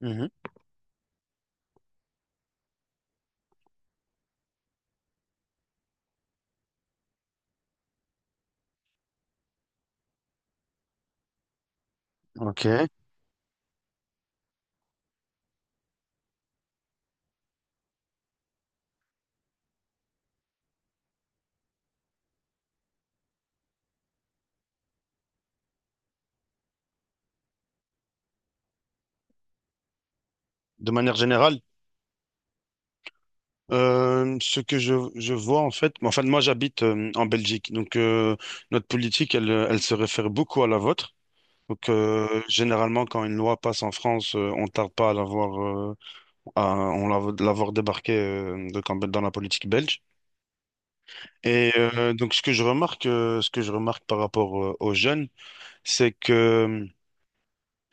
Mhm. Ok. De manière générale, ce que je vois en fait, enfin moi j'habite en Belgique, notre politique elle, elle se réfère beaucoup à la vôtre. Généralement quand une loi passe en France, on tarde pas à l'avoir euh, l'avoir débarqué donc, dans la politique belge. Et donc ce que je remarque, ce que je remarque par rapport aux jeunes, c'est que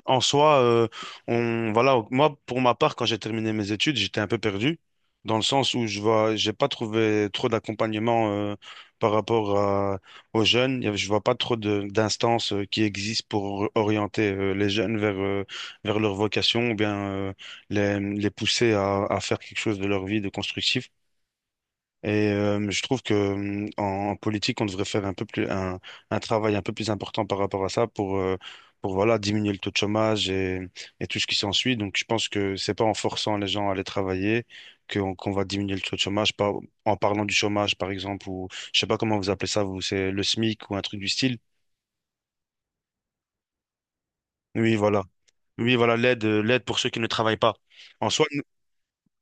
en soi, on, voilà, moi, pour ma part, quand j'ai terminé mes études, j'étais un peu perdu, dans le sens où je vois, j'ai pas trouvé trop d'accompagnement par rapport aux jeunes. Je vois pas trop d'instances qui existent pour orienter les jeunes vers, vers leur vocation ou bien euh, les pousser à faire quelque chose de leur vie de constructif. Et je trouve que en politique, on devrait faire un peu plus un travail un peu plus important par rapport à ça pour voilà diminuer le taux de chômage et tout ce qui s'ensuit. Donc je pense que c'est pas en forçant les gens à aller travailler qu'on va diminuer le taux de chômage, pas en parlant du chômage par exemple ou je sais pas comment vous appelez ça, vous c'est le SMIC ou un truc du style. Oui, voilà. Oui, voilà l'aide l'aide pour ceux qui ne travaillent pas. En soi,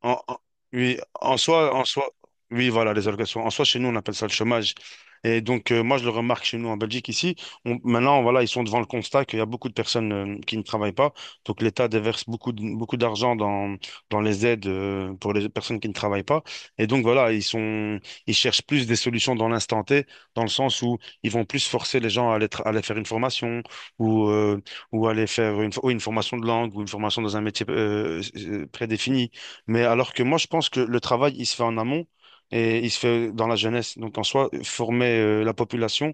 En, en- oui, en soi, oui, voilà, les allocations. En soi, chez nous, on appelle ça le chômage. Et donc, moi, je le remarque chez nous en Belgique, ici. Maintenant, voilà, ils sont devant le constat qu'il y a beaucoup de personnes qui ne travaillent pas. Donc, l'État déverse beaucoup, beaucoup d'argent dans, dans les aides pour les personnes qui ne travaillent pas. Et donc, voilà, ils sont, ils cherchent plus des solutions dans l'instant T, dans le sens où ils vont plus forcer les gens à aller, à aller faire une formation ou, euh, ou aller faire une, oui, une formation de langue ou une formation dans un métier prédéfini. Mais alors que moi, je pense que le travail, il se fait en amont et il se fait dans la jeunesse. Donc, en soi, former la population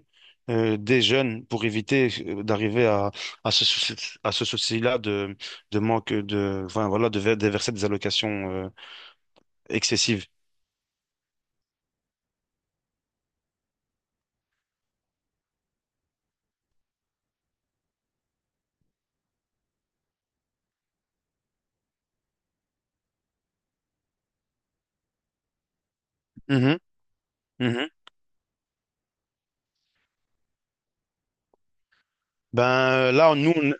des jeunes pour éviter d'arriver à ce souci, à ce souci-là de manque de, enfin, voilà, de déverser des allocations excessives. Mhm, mhm. Ben là, on- nous, on-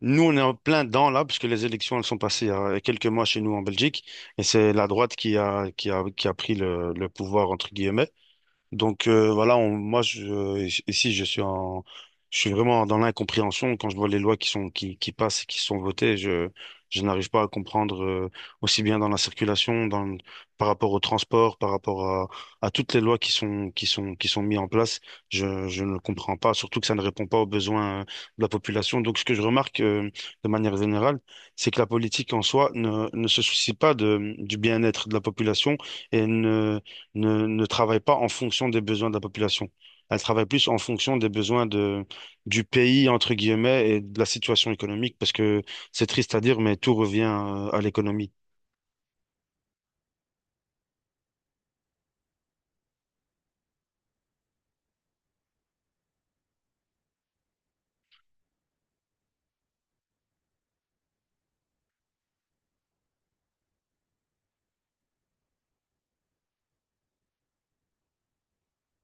nous, on est en plein dedans là, puisque les élections elles sont passées il y a quelques mois chez nous en Belgique, et c'est la droite qui a pris le pouvoir entre guillemets. Voilà, ici je suis en, je suis vraiment dans l'incompréhension quand je vois les lois qui passent et qui sont votées. Je n'arrive pas à comprendre aussi bien dans la circulation, par rapport au transport, par rapport à toutes les lois qui sont mises en place. Je ne comprends pas, surtout que ça ne répond pas aux besoins de la population. Donc ce que je remarque de manière générale, c'est que la politique en soi ne se soucie pas de du bien-être de la population et ne travaille pas en fonction des besoins de la population. Elle travaille plus en fonction des besoins de, du pays, entre guillemets, et de la situation économique, parce que c'est triste à dire, mais tout revient à l'économie.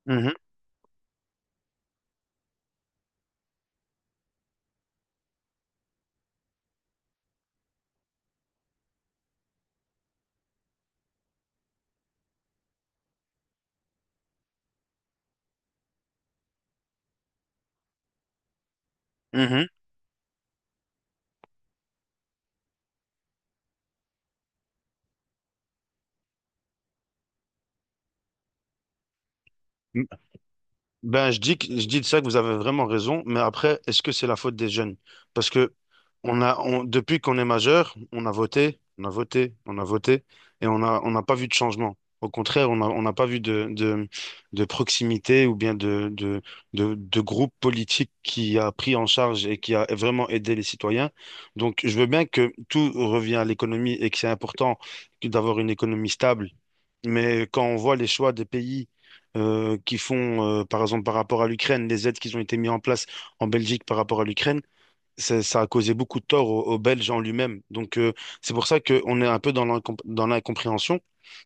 Mhm, mhm. Ben, je dis, je dis de ça que vous avez vraiment raison, mais après, est-ce que c'est la faute des jeunes? Parce que depuis qu'on est majeur, on a voté, et on n'a pas vu de changement. Au contraire, on n'a pas vu de proximité ou bien de groupe politique qui a pris en charge et qui a vraiment aidé les citoyens. Donc, je veux bien que tout revient à l'économie et que c'est important que d'avoir une économie stable mais quand on voit les choix des pays qui font, par exemple, par rapport à l'Ukraine, les aides qui ont été mises en place en Belgique par rapport à l'Ukraine, ça a causé beaucoup de tort aux, aux Belges en lui-même. Donc, c'est pour ça qu'on est un peu dans l'incompréhension.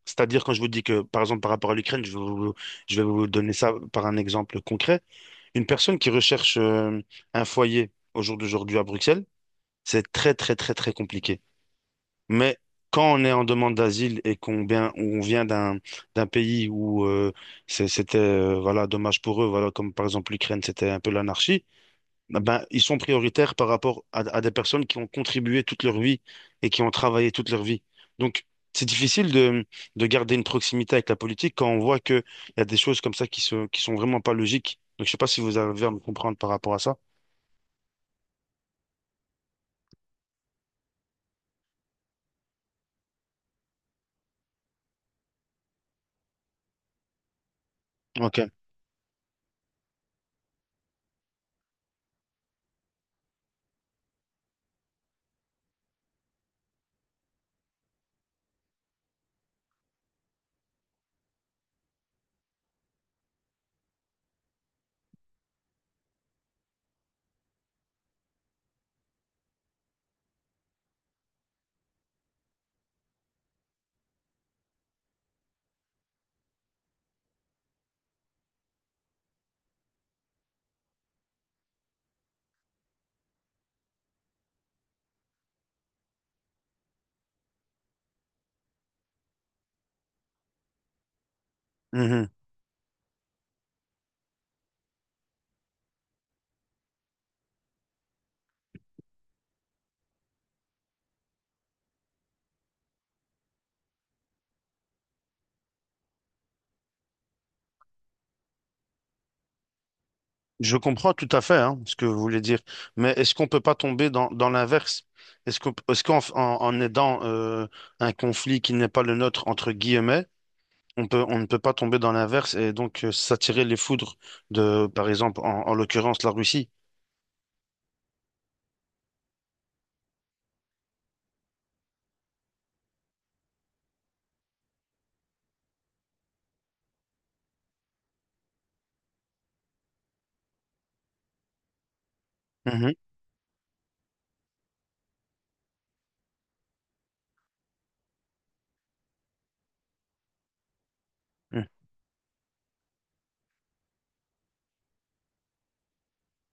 C'est-à-dire, quand je vous dis que, par exemple, par rapport à l'Ukraine, je vais vous donner ça par un exemple concret. Une personne qui recherche un foyer au jour d'aujourd'hui à Bruxelles, c'est très, très, très, très compliqué. Mais quand on est en demande d'asile et qu'on vient, on vient d'un d'un pays où c'était voilà dommage pour eux, voilà comme par exemple l'Ukraine, c'était un peu l'anarchie. Ah ben ils sont prioritaires par rapport à des personnes qui ont contribué toute leur vie et qui ont travaillé toute leur vie. Donc c'est difficile de garder une proximité avec la politique quand on voit que il y a des choses comme ça qui sont vraiment pas logiques. Donc je sais pas si vous arrivez à me comprendre par rapport à ça. Ok. Je comprends tout à fait hein, ce que vous voulez dire, mais est-ce qu'on peut pas tomber dans, dans l'inverse? Est-ce qu'en en, en aidant un conflit qui n'est pas le nôtre, entre guillemets, on ne peut pas tomber dans l'inverse et donc s'attirer les foudres de, par exemple, en l'occurrence, la Russie? Mhm.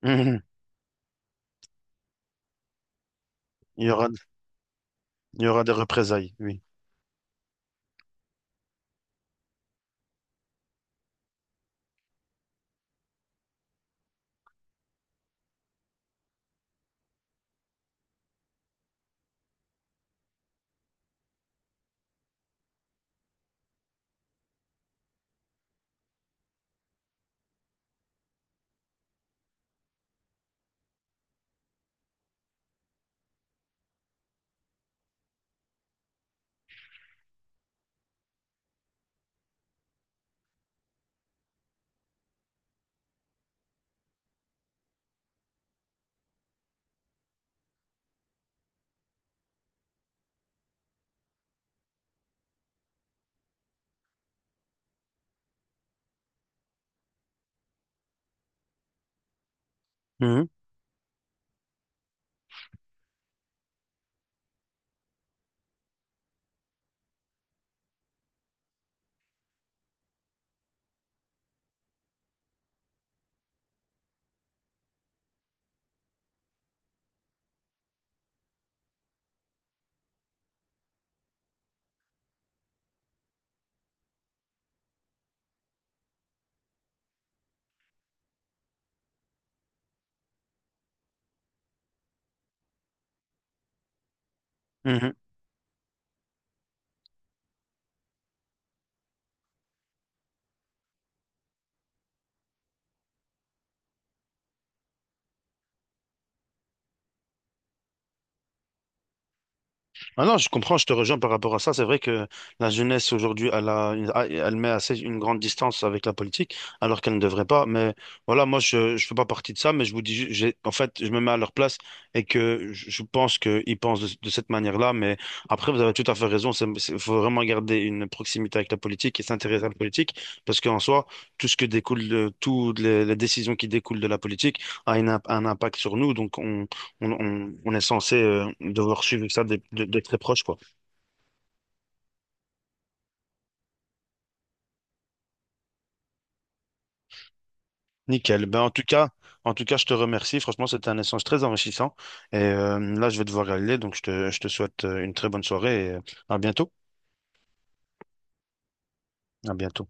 Mhm. Il y aura, il y aura des représailles, oui. Mhm. Mhm. Ah non, je comprends, je te rejoins par rapport à ça. C'est vrai que la jeunesse aujourd'hui, elle met assez une grande distance avec la politique, alors qu'elle ne devrait pas. Mais voilà, moi, je ne fais pas partie de ça, mais je vous dis, en fait, je me mets à leur place et que je pense qu'ils pensent de cette manière-là. Mais après, vous avez tout à fait raison. Il faut vraiment garder une proximité avec la politique et s'intéresser à la politique, parce qu'en soi, tout ce que découle, toutes les décisions qui découlent de la politique a une un impact sur nous. Donc, on est censé devoir suivre ça de, de très proche, quoi. Nickel. Ben, en tout cas, je te remercie. Franchement, c'était un échange très enrichissant. Et là, je vais devoir y aller, donc je te souhaite une très bonne soirée et à bientôt. À bientôt.